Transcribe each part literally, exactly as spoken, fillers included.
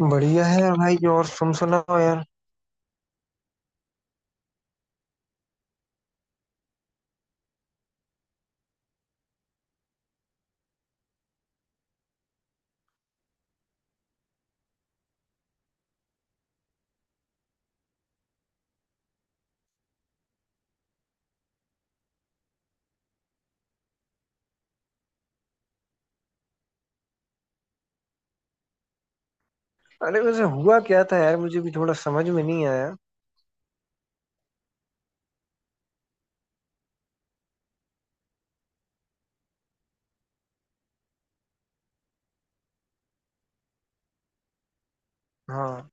बढ़िया है यार भाई। और तुम सुनाओ यार। अरे वैसे हुआ क्या था यार? मुझे भी थोड़ा समझ में नहीं आया। हाँ,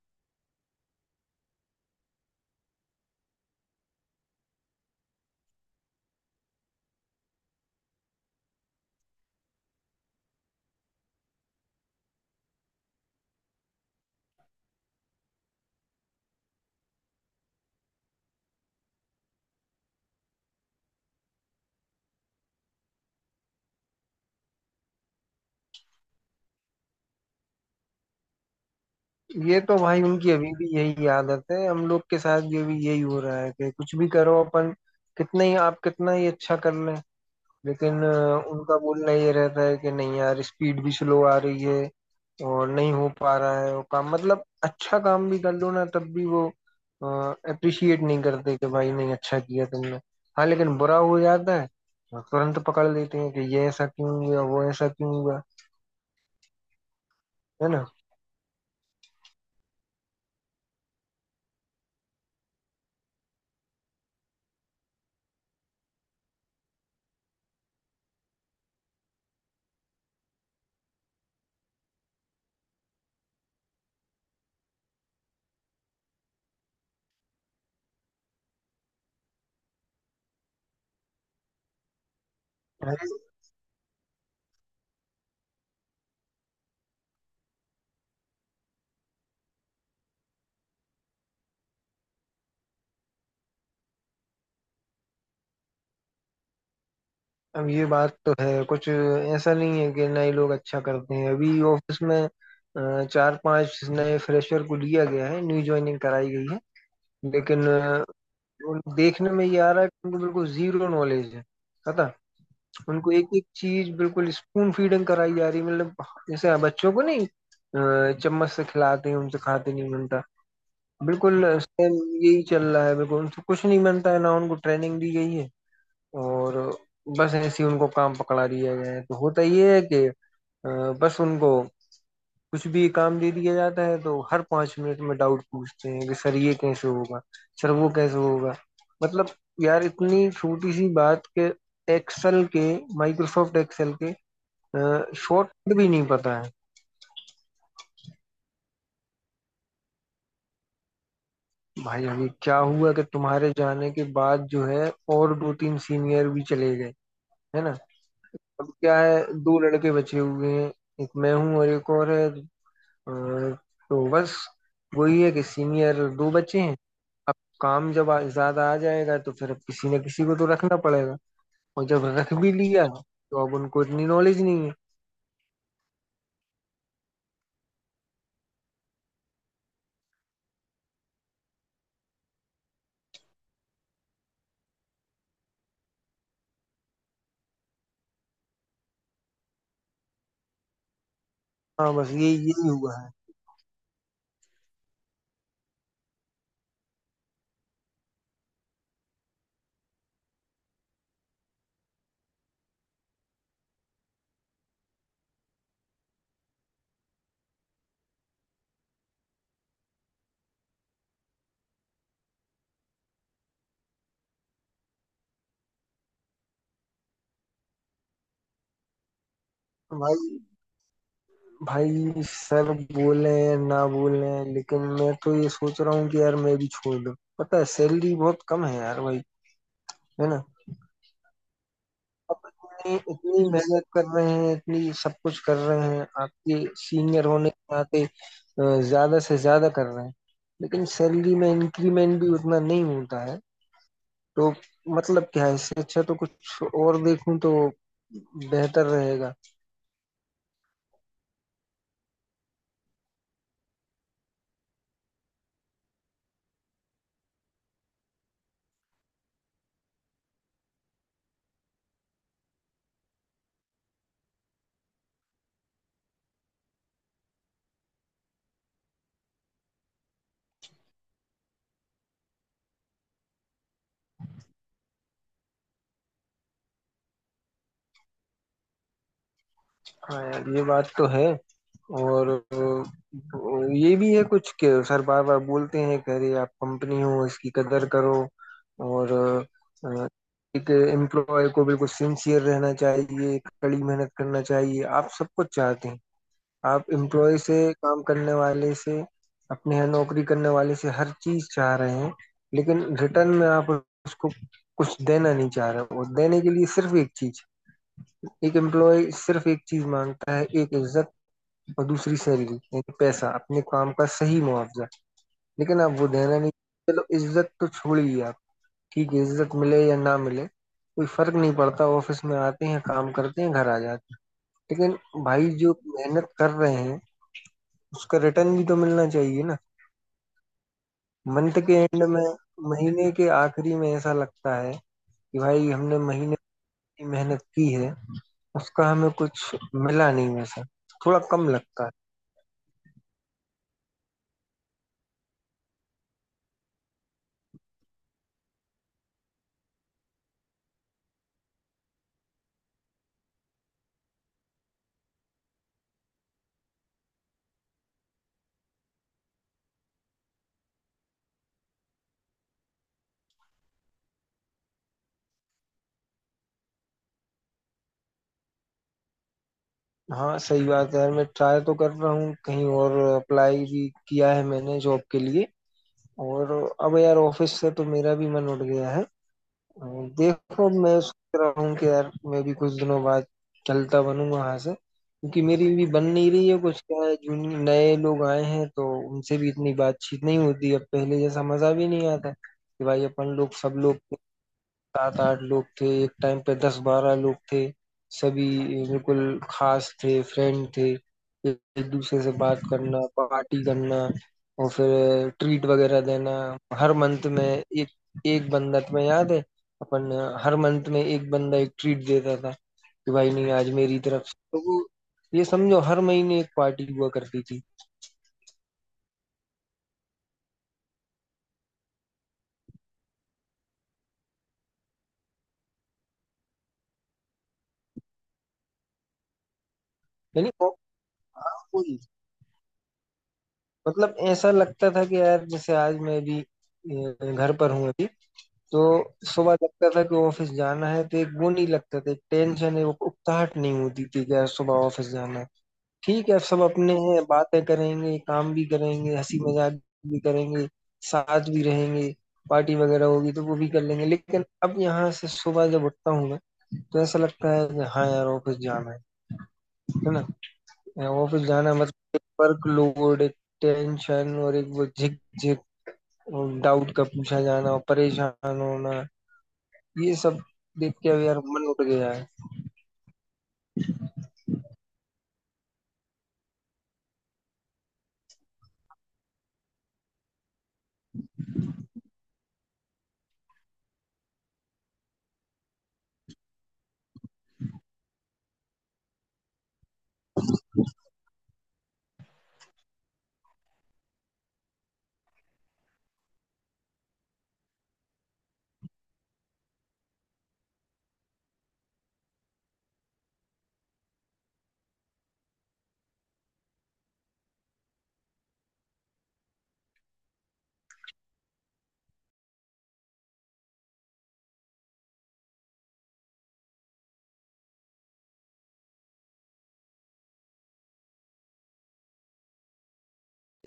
ये तो भाई उनकी अभी भी यही आदत है। हम लोग के साथ ये भी यही हो रहा है कि कुछ भी करो अपन, कितना ही आप कितना ही अच्छा कर लें, लेकिन अ, उनका बोलना ये रहता है कि नहीं यार, स्पीड भी स्लो आ रही है और नहीं हो पा रहा है वो काम। मतलब अच्छा काम भी कर लो ना, तब भी वो अप्रिशिएट नहीं करते कि भाई नहीं, अच्छा किया तुमने। हाँ, लेकिन बुरा हो जाता है तो तुरंत पकड़ लेते हैं कि ये ऐसा क्यों हुआ, वो ऐसा क्यों हुआ, है ना। अब ये बात तो है, कुछ ऐसा नहीं है कि नए लोग अच्छा करते हैं। अभी ऑफिस में अ, चार पांच नए फ्रेशर को लिया गया है, न्यू ज्वाइनिंग कराई गई है, लेकिन अ, और देखने में ये आ रहा है कि उनको बिल्कुल जीरो नॉलेज है, पता। उनको एक एक चीज बिल्कुल स्पून फीडिंग कराई जा रही है। मतलब जैसे बच्चों को नहीं अ, चम्मच से खिलाते हैं उनसे खाते नहीं बनता, बिल्कुल सेम यही चल रहा है। बिल्कुल उनसे कुछ नहीं बनता है ना, उनको ट्रेनिंग दी गई है और बस ऐसे ही उनको काम पकड़ा दिया गया है। तो होता ये है कि अ, बस उनको कुछ भी काम दे दिया जाता है, तो हर पांच मिनट में डाउट पूछते हैं कि सर ये कैसे होगा, सर वो कैसे होगा। मतलब यार, इतनी छोटी सी बात, के एक्सेल के, माइक्रोसॉफ्ट एक्सेल के शॉर्ट भी नहीं पता है। भाई अभी क्या हुआ कि तुम्हारे जाने के बाद जो है, और दो तीन सीनियर भी चले गए, है ना। अब क्या है, दो लड़के बचे हुए हैं, एक मैं हूँ और एक और है, अ, तो बस वही है कि सीनियर दो बच्चे हैं। अब काम जब आ- ज्यादा आ जाएगा तो फिर अब किसी न किसी को तो रखना पड़ेगा, और जब रख भी लिया तो अब उनको इतनी नॉलेज नहीं है। हाँ, बस ये यही हुआ है भाई। भाई, सर बोल रहे हैं ना, बोल रहे हैं, लेकिन मैं तो ये सोच रहा हूँ कि यार मैं भी छोड़ दूँ, पता है सैलरी बहुत कम है यार भाई, है ना। अब इतनी इतनी मेहनत कर रहे हैं, इतनी सब कुछ कर रहे हैं, आपके सीनियर होने के नाते अ, ज्यादा से ज्यादा कर रहे हैं, लेकिन सैलरी में इंक्रीमेंट भी उतना नहीं होता है। तो मतलब क्या है, इससे अच्छा तो कुछ और देखूं तो बेहतर रहेगा। हाँ यार, ये बात तो है। और अ, ये भी है कुछ के सर बार बार बोलते हैं कि अरे आप कंपनी हो, इसकी कदर करो, और अ, एक एम्प्लॉय को बिल्कुल सिंसियर रहना चाहिए, कड़ी मेहनत करना चाहिए। आप सबको चाहते हैं, आप एम्प्लॉय से, काम करने वाले से, अपने यहाँ नौकरी करने वाले से हर चीज चाह रहे हैं, लेकिन रिटर्न में आप उसको कुछ देना नहीं चाह रहे। और देने के लिए सिर्फ एक चीज, एक एम्प्लॉय सिर्फ एक चीज मांगता है, एक इज्जत, और दूसरी सैलरी यानी पैसा, अपने काम का सही मुआवजा। लेकिन आप वो देना नहीं। चलो इज्जत तो छोड़िए आप, ठीक है, इज्जत मिले या ना मिले कोई फर्क नहीं पड़ता। ऑफिस में आते हैं, काम करते हैं, घर आ जाते हैं, लेकिन भाई जो मेहनत कर रहे हैं उसका रिटर्न भी तो मिलना चाहिए ना। मंथ के एंड में, महीने के आखिरी में ऐसा लगता है कि भाई हमने महीने की मेहनत की है, उसका हमें कुछ मिला नहीं वैसा, थोड़ा कम लगता है। हाँ सही बात है यार। मैं ट्राई तो कर रहा हूँ, कहीं और अप्लाई भी किया है मैंने जॉब के लिए, और अब यार ऑफिस से तो मेरा भी मन उठ गया है। हम्म, देखो, मैं सोच रहा हूँ कि यार मैं भी कुछ दिनों बाद चलता बनूंगा यहाँ से, क्योंकि मेरी भी बन नहीं रही है कुछ। क्या है, जूनियर नए लोग आए हैं तो उनसे भी इतनी बातचीत नहीं होती, अब पहले जैसा मजा भी नहीं आता। कि भाई अपन लोग, सब लोग सात आठ लोग थे, एक टाइम पे दस बारह लोग थे, सभी बिल्कुल खास थे, फ्रेंड थे, एक एक दूसरे से बात करना, पार्टी करना, और फिर ट्रीट वगैरह देना। हर मंथ में एक, एक बंदा, तुम्हें याद है अपन, हर मंथ में एक बंदा एक ट्रीट देता था कि भाई नहीं आज मेरी तरफ से, तो वो ये समझो हर महीने एक पार्टी हुआ करती थी। यानी ओ- हाँ, कोई। मतलब ऐसा लगता था कि यार जैसे आज मैं भी अ, घर पर हूँ अभी। तो सुबह लगता था कि ऑफिस जाना है, तो एक वो नहीं लगता था, एक टेंशन है वो उकताहट नहीं होती थी कि यार सुबह ऑफिस जाना है। ठीक है, अब सब अपने हैं, बातें करेंगे, काम भी करेंगे, हंसी मजाक भी करेंगे, साथ भी रहेंगे, पार्टी वगैरह होगी तो वो भी कर लेंगे। लेकिन अब यहाँ से सुबह जब उठता हूँ मैं, तो ऐसा लगता है कि हाँ यार ऑफिस जाना है है ना। ऑफिस जाना मतलब एक वर्क लोड, एक टेंशन, और एक वो झिक झिक, डाउट का पूछा जाना और परेशान होना, ये सब देख के अब यार मन उठ गया है।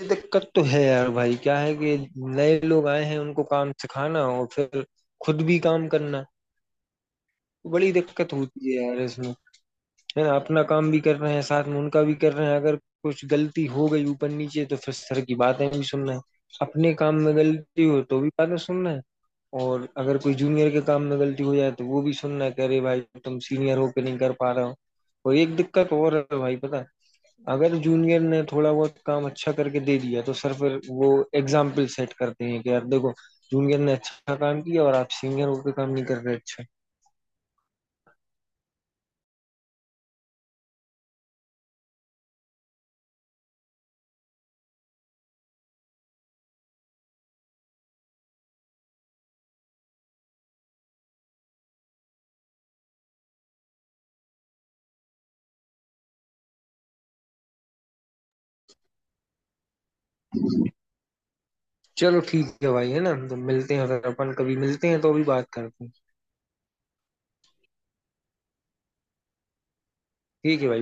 ये दिक्कत तो है यार भाई। क्या है कि नए लोग आए हैं, उनको काम सिखाना और फिर खुद भी काम करना, तो बड़ी दिक्कत होती है यार इसमें, है ना। अपना काम भी कर रहे हैं, साथ में उनका भी कर रहे हैं, अगर कुछ गलती हो गई ऊपर नीचे तो फिर सर की बातें भी सुनना है। अपने काम में गलती हो तो भी बातें सुनना है, और अगर कोई जूनियर के काम में गलती हो जाए तो वो भी सुनना है कि अरे भाई, तुम सीनियर हो के नहीं कर पा रहे हो। और एक दिक्कत और है भाई, पता है, अगर जूनियर ने थोड़ा बहुत काम अच्छा करके दे दिया तो सर फिर वो एग्जाम्पल सेट करते हैं कि यार देखो, जूनियर ने अच्छा काम किया और आप सीनियर होकर काम नहीं कर रहे, अच्छा। चलो ठीक है भाई, है ना। तो मिलते हैं, अगर अपन कभी मिलते हैं तो भी बात करते हैं। ठीक है भाई।